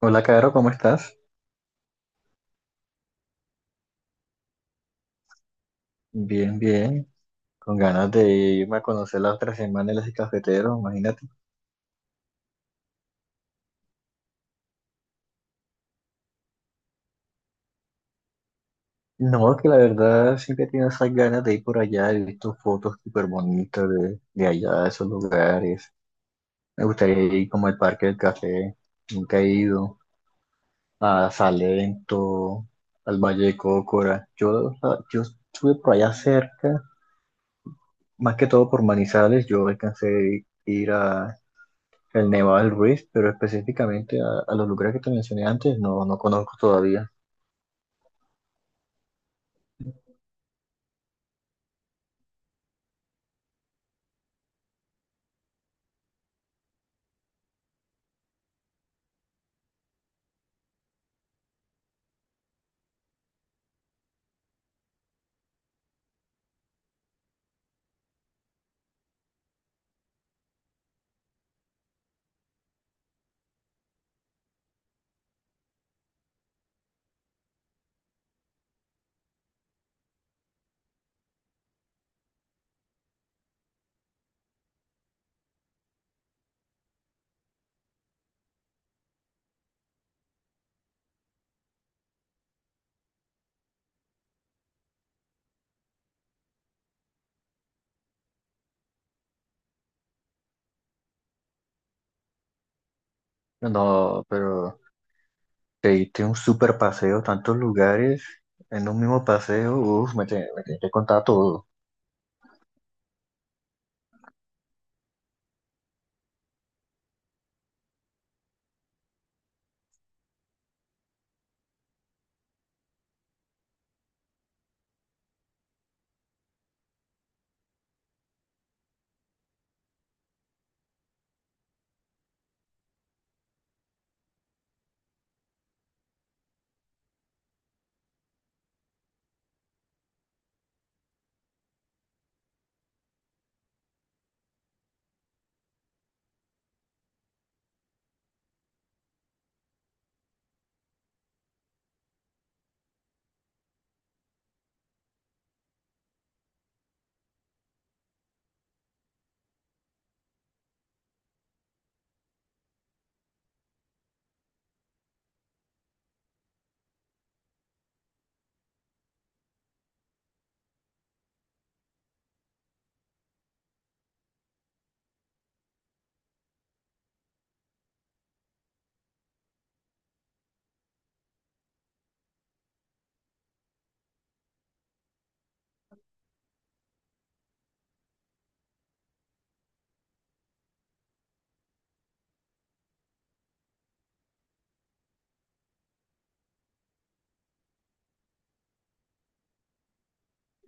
Hola, Caro, ¿cómo estás? Bien, bien. Con ganas de irme a conocer la otra semana en las cafeteros, imagínate. No, que la verdad siempre tengo esas ganas de ir por allá. He visto fotos súper bonitas de allá, de esos lugares. Me gustaría ir como al Parque del Café. Nunca he ido. A Salento, al Valle de Cocora. Yo estuve por allá cerca, más que todo por Manizales. Yo alcancé a ir a El Nevado del Ruiz, pero específicamente a los lugares que te mencioné antes, no conozco todavía. No, pero te diste un super paseo, tantos lugares en un mismo paseo, uff, me tienes que contar todo.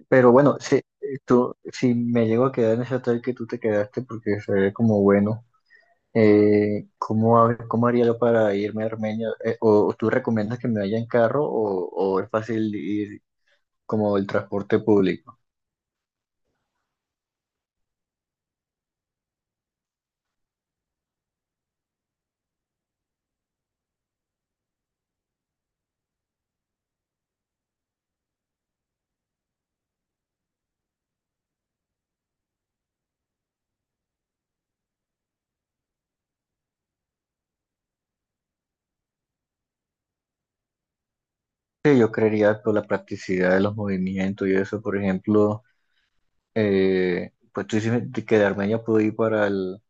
Pero bueno, si, tú, si me llego a quedar en ese hotel que tú te quedaste, porque se ve como bueno, ¿cómo, cómo haría yo para irme a Armenia? O, o tú recomiendas que me vaya en carro o, ¿o es fácil ir como el transporte público? Sí, yo creería por la practicidad de los movimientos y eso, por ejemplo, pues tú dices que de Armenia puedo ir para el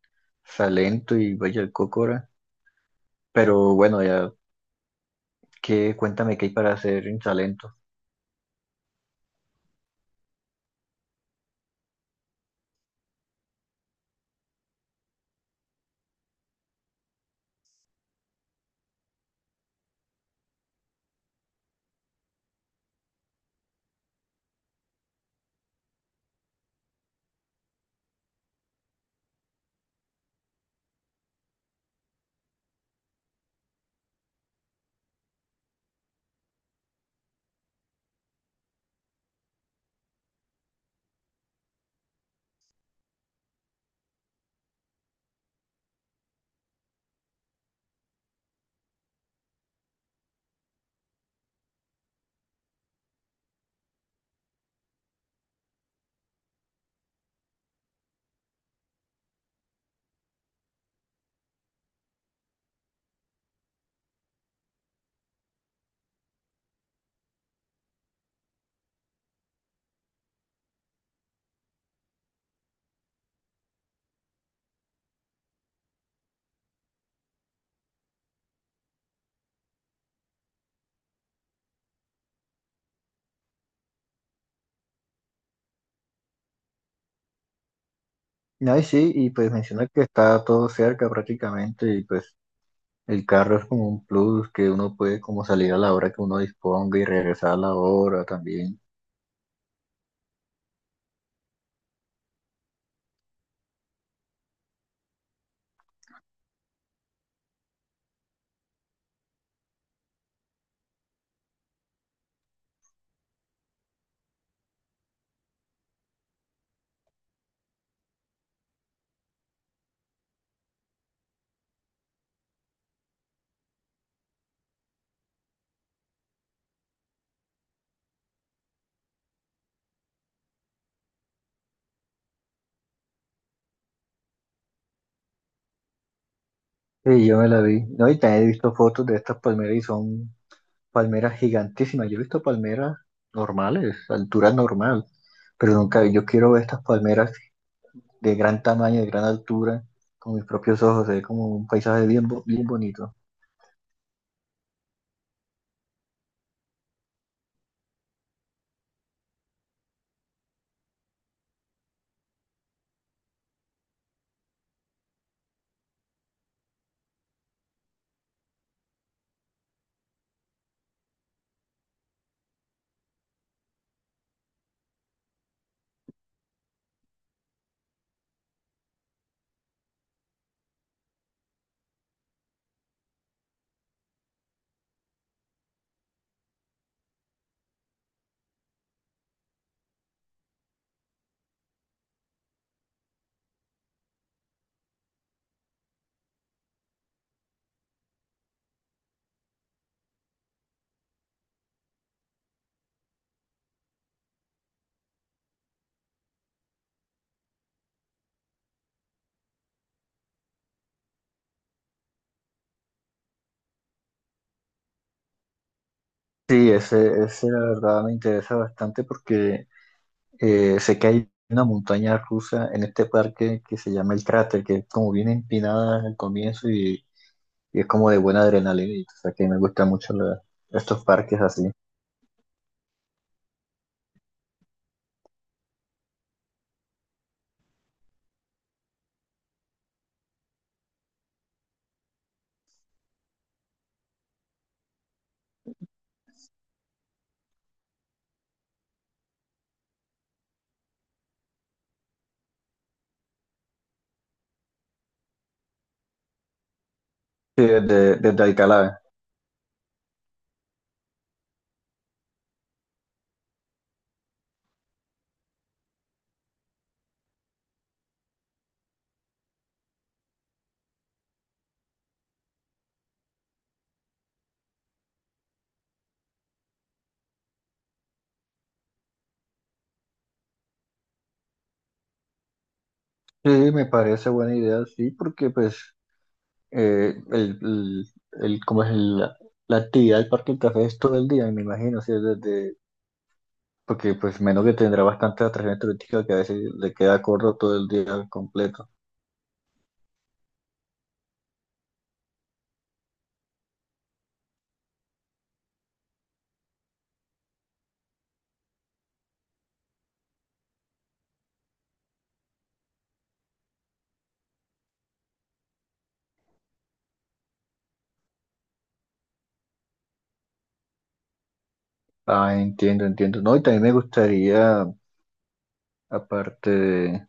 Salento y vaya el Cócora, pero bueno, ya qué, cuéntame qué hay para hacer en Salento. Ay, sí, y pues menciona que está todo cerca prácticamente y pues el carro es como un plus que uno puede como salir a la hora que uno disponga y regresar a la hora también. Sí, yo me la vi. No, y también he visto fotos de estas palmeras y son palmeras gigantísimas. Yo he visto palmeras normales, altura normal, pero nunca, yo quiero ver estas palmeras de gran tamaño, de gran altura, con mis propios ojos, es como un paisaje bien, bien bonito. Sí, ese la verdad me interesa bastante porque sé que hay una montaña rusa en este parque que se llama el cráter, que es como bien empinada al comienzo y es como de buena adrenalina, y, o sea que me gustan mucho estos parques así. Sí, desde Alcalá. Sí, me parece buena idea, sí, porque pues eh, el, el, el- como es el- la actividad del Parque del Café es todo el día, me imagino, sí, desde, porque pues menos que tendrá bastante atracción turística que a veces le queda corto todo el día completo. Ah, entiendo, entiendo. No, y también me gustaría, aparte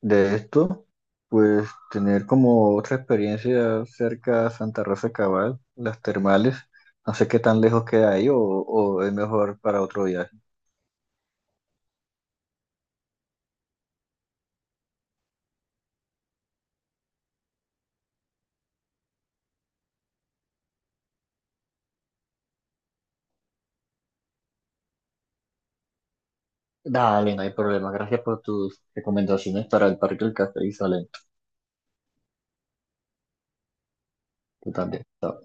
de esto, pues tener como otra experiencia cerca a Santa Rosa de Cabal, las termales. No sé qué tan lejos queda ahí o es mejor para otro viaje. Dale, no hay problema. Gracias por tus recomendaciones para el Parque del Café y Salento. Tú también. Chao.